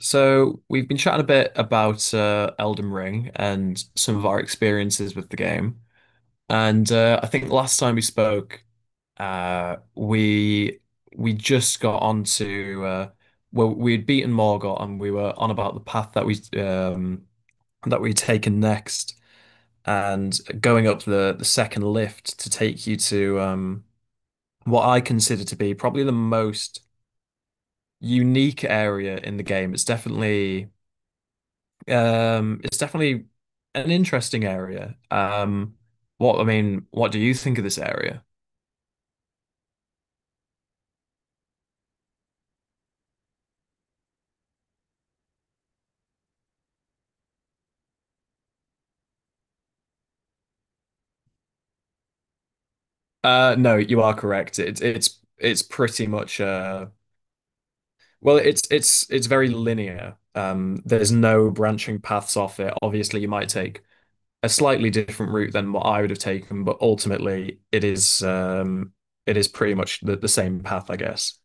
So we've been chatting a bit about Elden Ring and some of our experiences with the game, and I think last time we spoke, uh, we we just got onto we had beaten Morgott and we were on about the path that we'd taken next, and going up the second lift to take you to what I consider to be probably the most unique area in the game. It's definitely an interesting area. What do you think of this area? No, you are correct. It's pretty much well, it's very linear. There's no branching paths off it. Obviously, you might take a slightly different route than what I would have taken, but ultimately, it is pretty much the same path, I guess.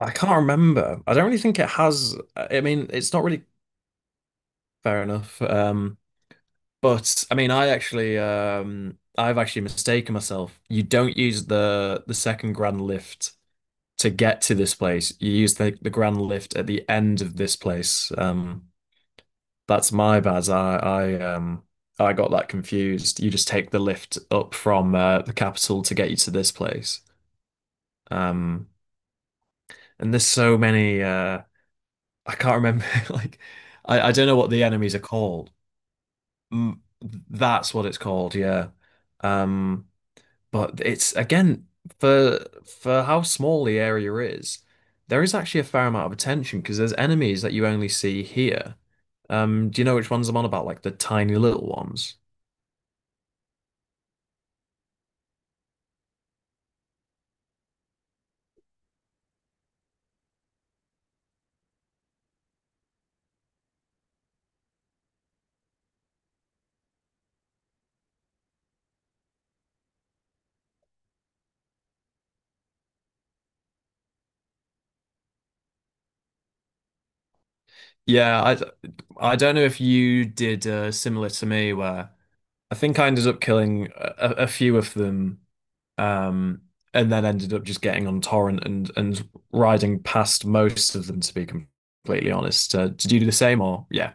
I can't remember. I don't really think it has. I mean, it's not really fair enough. But I mean, I've actually mistaken myself. You don't use the second grand lift to get to this place. You use the grand lift at the end of this place. That's my bad. I got that confused. You just take the lift up from the capital to get you to this place. Um, and there's so many. I can't remember. I don't know what the enemies are called. Mm, that's what it's called. Yeah. Um. But it's again for for how small the area is, there is actually a fair amount of attention because there's enemies that you only see here. Do you know which ones I'm on about? Like the tiny little ones. Yeah, I I don't know if you did similar to me where I think I ended up killing a few of them, um, and then ended up just getting on torrent and riding past most of them. To be completely honest, did you do the same or yeah?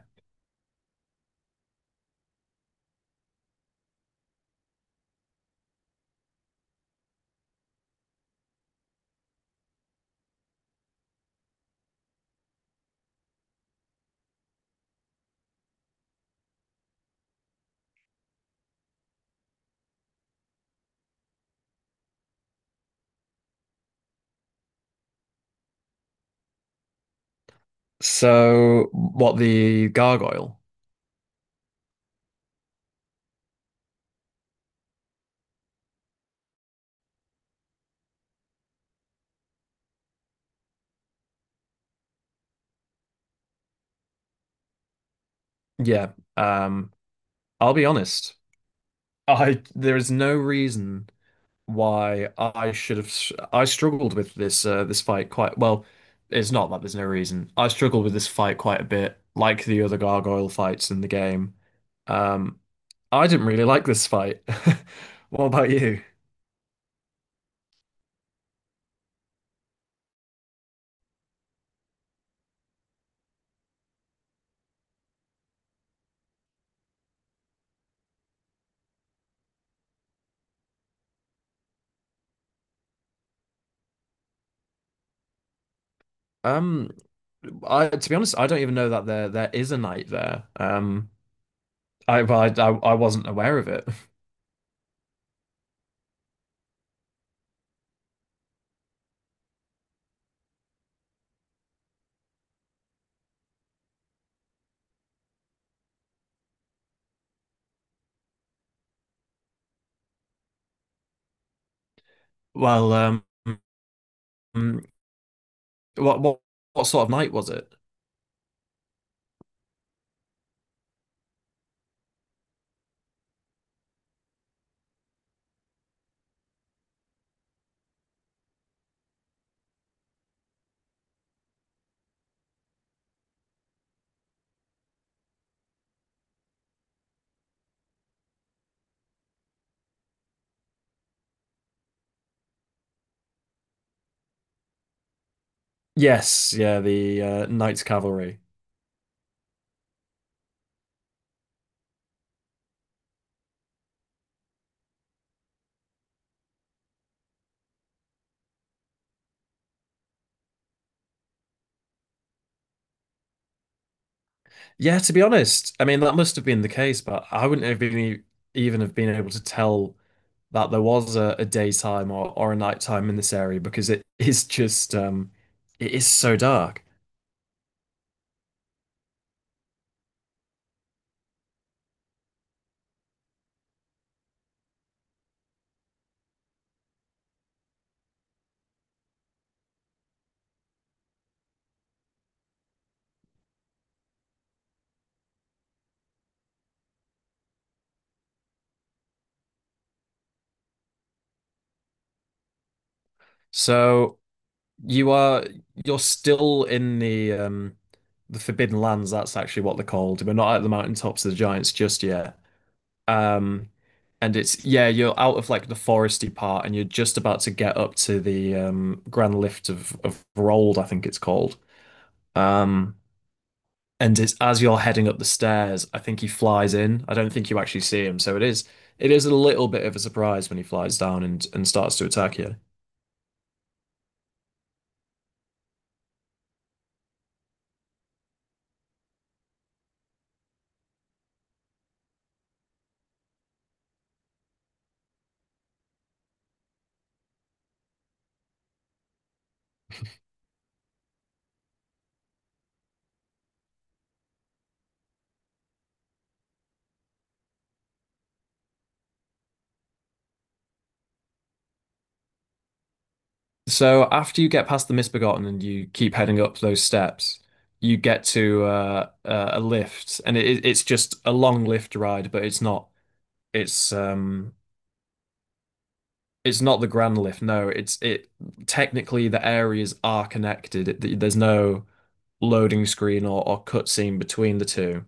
So what the gargoyle? Yeah, um, I'll be honest. I there is no reason why I should have I struggled with this this fight quite well. It's not that there's no reason. I struggled with this fight quite a bit, like the other gargoyle fights in the game. Um, I didn't really like this fight. What about you? Um, I to be honest, I don't even know that there is a knight there. I well, I wasn't aware of it. Well, um, mm, what what what sort of knight was it? Yes, yeah, the Knights Cavalry. Yeah, to be honest, I mean that must have been the case, but I wouldn't have been even have been able to tell that there was a daytime or a nighttime in this area because it is just it is so dark. So you are you're still in the the Forbidden Lands, that's actually what they're called. We're not at the mountaintops of the giants just yet. Um and it's yeah, you're out of like the foresty part and you're just about to get up to the Grand Lift of Rold, I think it's called. Um, and it's as you're heading up the stairs, I think he flies in. I don't think you actually see him, so it is a little bit of a surprise when he flies down and starts to attack you. So after you get past the Misbegotten and you keep heading up those steps, you get to a lift, and it's just a long lift ride, but it's um it's not the grand lift. No, it's it technically the areas are connected. There's no loading screen or cutscene between the two.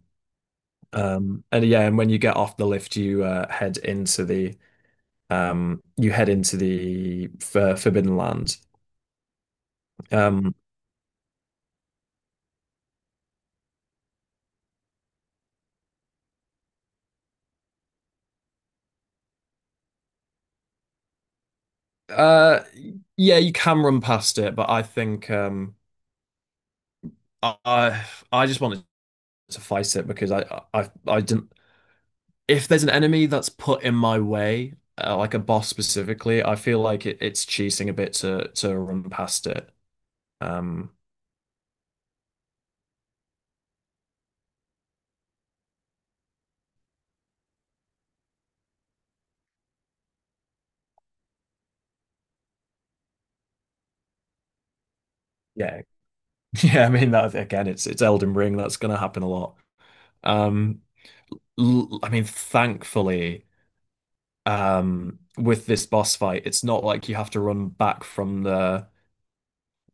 And yeah, and when you get off the lift, you head into the you head into the Forbidden Land. Um, uh, yeah, you can run past it, but I think I just wanted to fight it because I didn't. If there's an enemy that's put in my way, like a boss specifically, I feel like it's cheating a bit to run past it. Um, yeah, yeah. I mean that again. It's Elden Ring. That's gonna happen a lot. Um, I mean, thankfully, with this boss fight, it's not like you have to run back from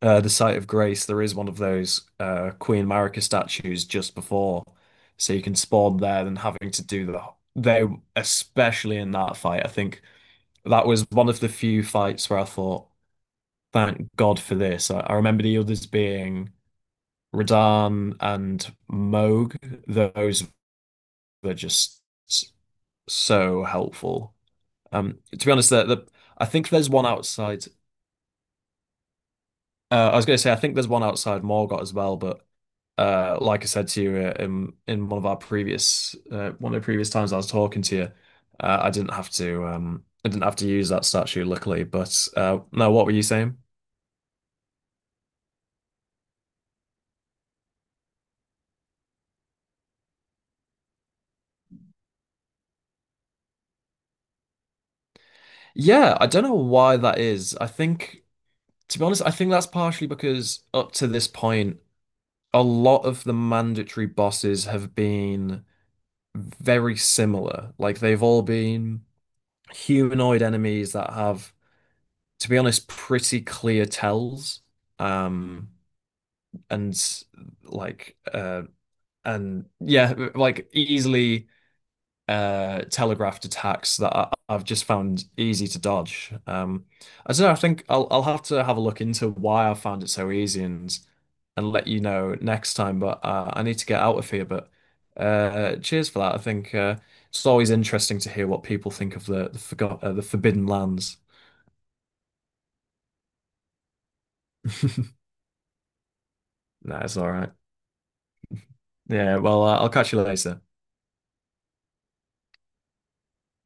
the site of grace. There is one of those Queen Marika statues just before, so you can spawn there than having to do the they especially in that fight. I think that was one of the few fights where I thought, thank God for this. I remember the others being Radahn and Moog. Those were just s- so helpful. To be honest, the I think there's one outside. I was going to say I think there's one outside Morgott as well, but like I said to you in one of our previous one of the previous times I was talking to you, I didn't have to I didn't have to use that statue luckily. But no, what were you saying? Yeah, I don't know why that is. I think, to be honest, I think that's partially because up to this point, a lot of the mandatory bosses have been very similar. Like they've all been humanoid enemies that have, to be honest, pretty clear tells. Um, and like uh and yeah, like easily telegraphed attacks that I've just found easy to dodge. I don't know, I think I'll have to have a look into why I found it so easy and let you know next time, but I need to get out of here, but cheers for that. I think It's always interesting to hear what people think of the Forbidden Lands. That's all right. Yeah, well, I'll catch you later.